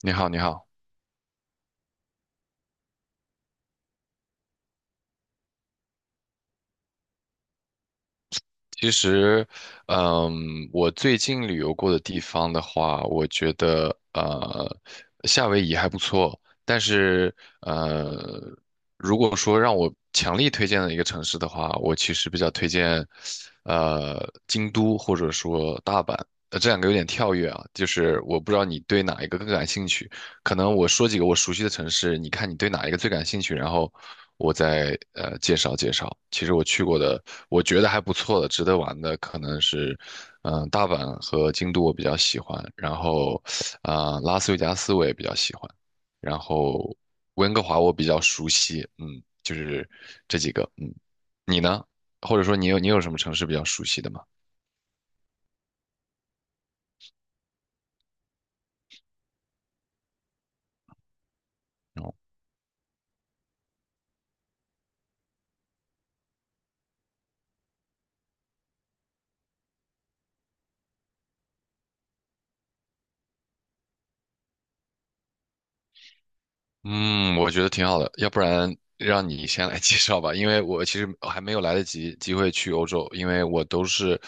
你好，你好。其实，我最近旅游过的地方的话，我觉得夏威夷还不错。但是，呃，如果说让我强力推荐的一个城市的话，我其实比较推荐，呃，京都或者说大阪。这两个有点跳跃啊，就是我不知道你对哪一个更感兴趣。可能我说几个我熟悉的城市，你看你对哪一个最感兴趣，然后我再介绍介绍。其实我去过的，我觉得还不错的，值得玩的可能是，嗯、大阪和京都我比较喜欢，然后啊、拉斯维加斯我也比较喜欢，然后温哥华我比较熟悉，嗯，就是这几个，嗯，你呢？或者说你有什么城市比较熟悉的吗？嗯，我觉得挺好的，要不然让你先来 介绍吧，因为我其实还没有来得及机会去欧洲，因为我都是，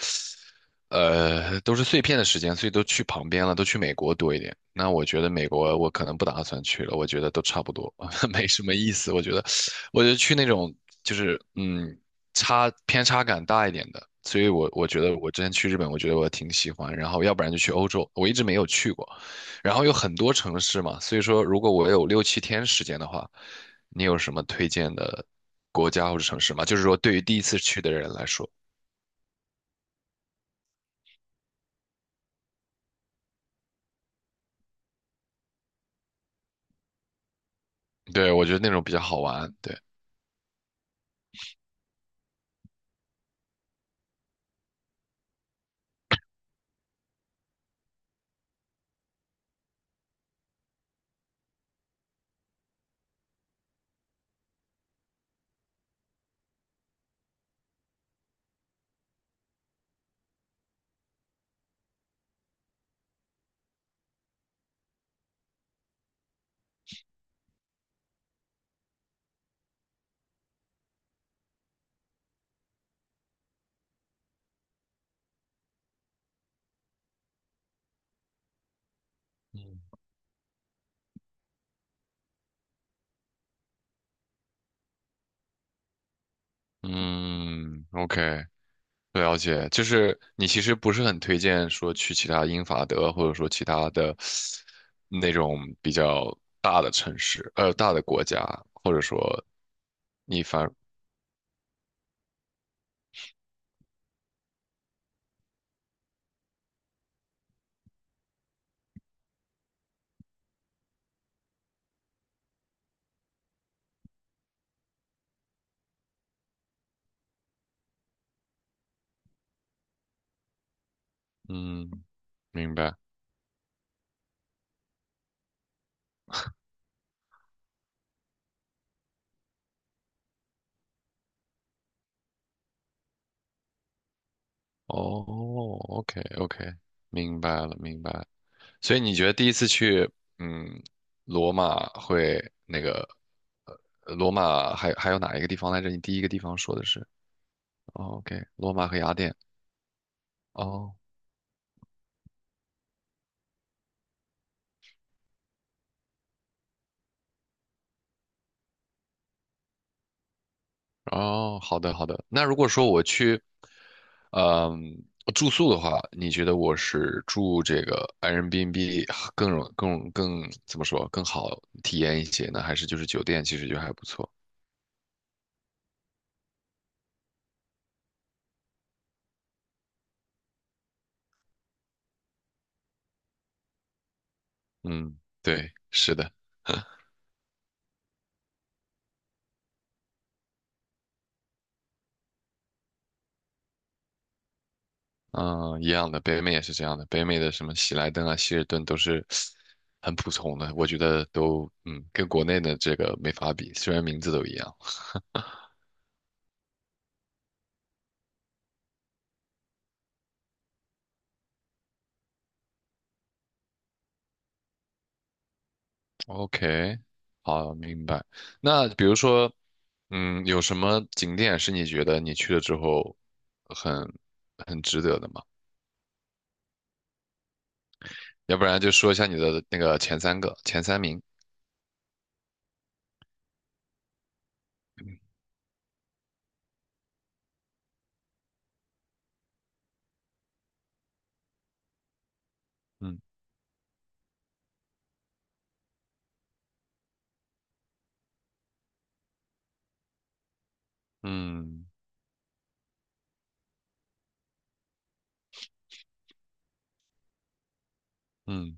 都是碎片的时间，所以都去旁边了，都去美国多一点。那我觉得美国我可能不打算去了，我觉得都差不多，没什么意思。我觉得，我觉得去那种就是嗯，差偏差感大一点的，所以我觉得我之前去日本，我觉得我挺喜欢，然后要不然就去欧洲，我一直没有去过。然后有很多城市嘛，所以说如果我有六七天时间的话，你有什么推荐的国家或者城市吗？就是说对于第一次去的人来说，对，我觉得那种比较好玩。对，嗯，嗯，OK,了解。就是你其实不是很推荐说去其他英法德或者说其他的那种比较大的城市，大的国家，或者说你反，嗯，明白。哦OK，OK，明白了，明白了。所以你觉得第一次去，嗯，罗马会那个，罗马还有哪一个地方来着？你第一个地方说的是，哦，OK,罗马和雅典。哦哦，好的好的。那如果说我去，嗯，住宿的话，你觉得我是住这个 Airbnb 更怎么说更好体验一些呢？还是就是酒店其实就还不错？嗯，对，是的。嗯，一样的，北美也是这样的。北美的什么喜来登啊、希尔顿都是很普通的，我觉得都嗯跟国内的这个没法比，虽然名字都一样。OK,好，明白。那比如说，嗯，有什么景点是你觉得你去了之后很很值得的吗？要不然就说一下你的那个前三名。嗯嗯嗯，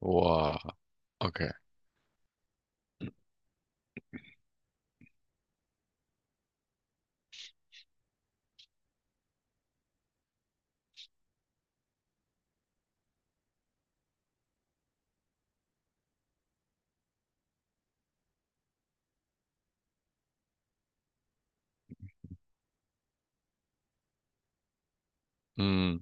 哇，OK,嗯。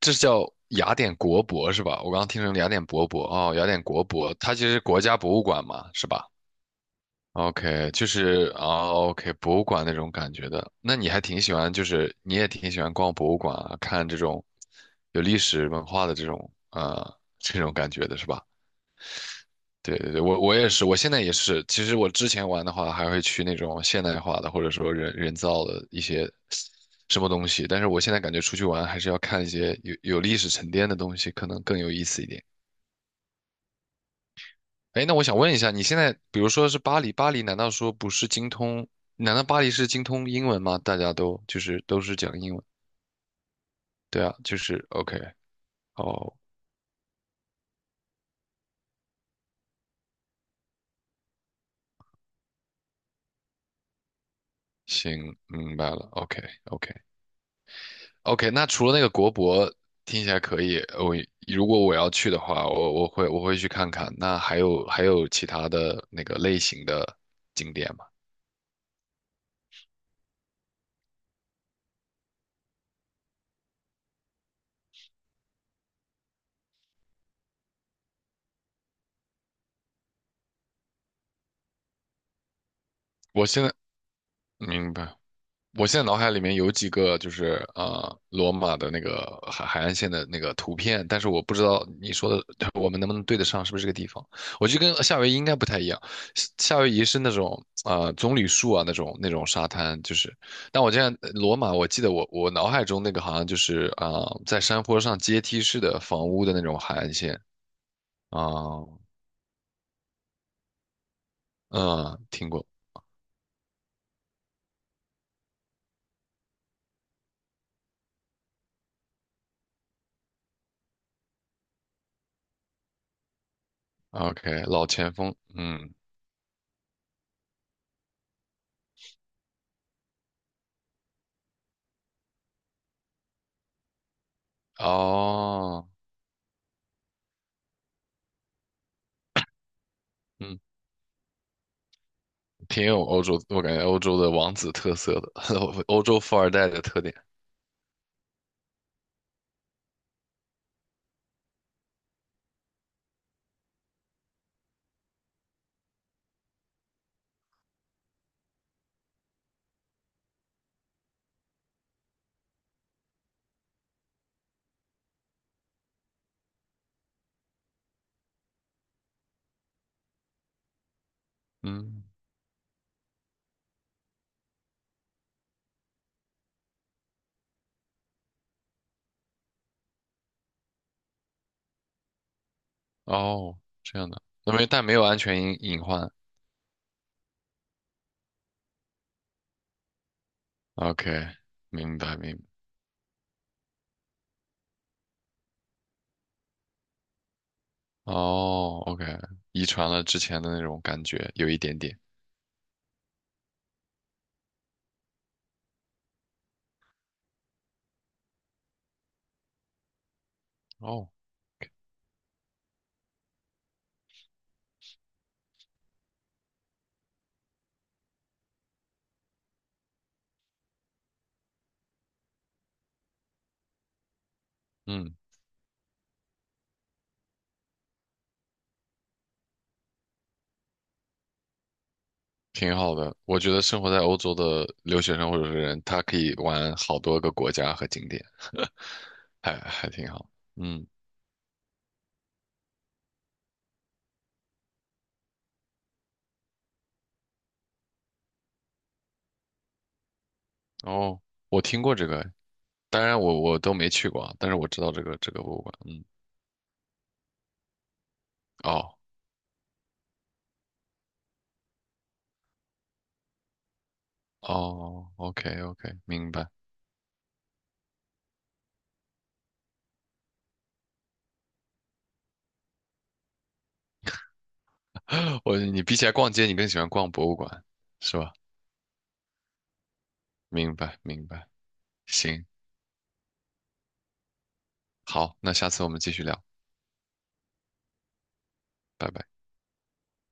这是叫雅典国博是吧？我刚刚听成雅典博博哦，雅典国博，它其实是国家博物馆嘛，是吧？OK,就是啊，OK,博物馆那种感觉的。那你还挺喜欢，就是你也挺喜欢逛博物馆啊，看这种有历史文化的这种感觉的是吧？对对对，我也是，我现在也是。其实我之前玩的话，还会去那种现代化的，或者说人造的一些什么东西。但是我现在感觉出去玩还是要看一些有历史沉淀的东西，可能更有意思一点。哎，那我想问一下，你现在比如说是巴黎，巴黎难道说不是精通？难道巴黎是精通英文吗？大家都就是都是讲英文，对啊，就是 OK,哦，行，明白了OK，OK。OK,那除了那个国博听起来可以，我如果我要去的话，我会去看看。那还有其他的那个类型的景点吗？我现在明白。我现在脑海里面有几个就是罗马的那个海岸线的那个图片，但是我不知道你说的 我们能不能对得上，是不是这个地方？我觉得跟夏威夷应该不太一样，夏威夷是那种棕榈树啊那种沙滩，就是，但我这样罗马，我记得我脑海中那个好像就是啊、在山坡上阶梯式的房屋的那种海岸线啊，嗯，听过，OK,老前锋，嗯，哦。嗯。挺有欧洲，我感觉欧洲的王子特色的，欧洲富二代的特点。嗯，哦，这样的，那没，但没有安全隐患。OK,明白明白。哦，OK,遗传了之前的那种感觉，有一点点。哦，嗯，挺好的。我觉得生活在欧洲的留学生或者是人，他可以玩好多个国家和景点，还挺好。嗯，哦，我听过这个，当然我都没去过啊，但是我知道这个博物馆。嗯。哦，哦，OK OK,明白。我你比起来逛街，你更喜欢逛博物馆，是吧？明白明白。行，好，那下次我们继续聊，拜拜。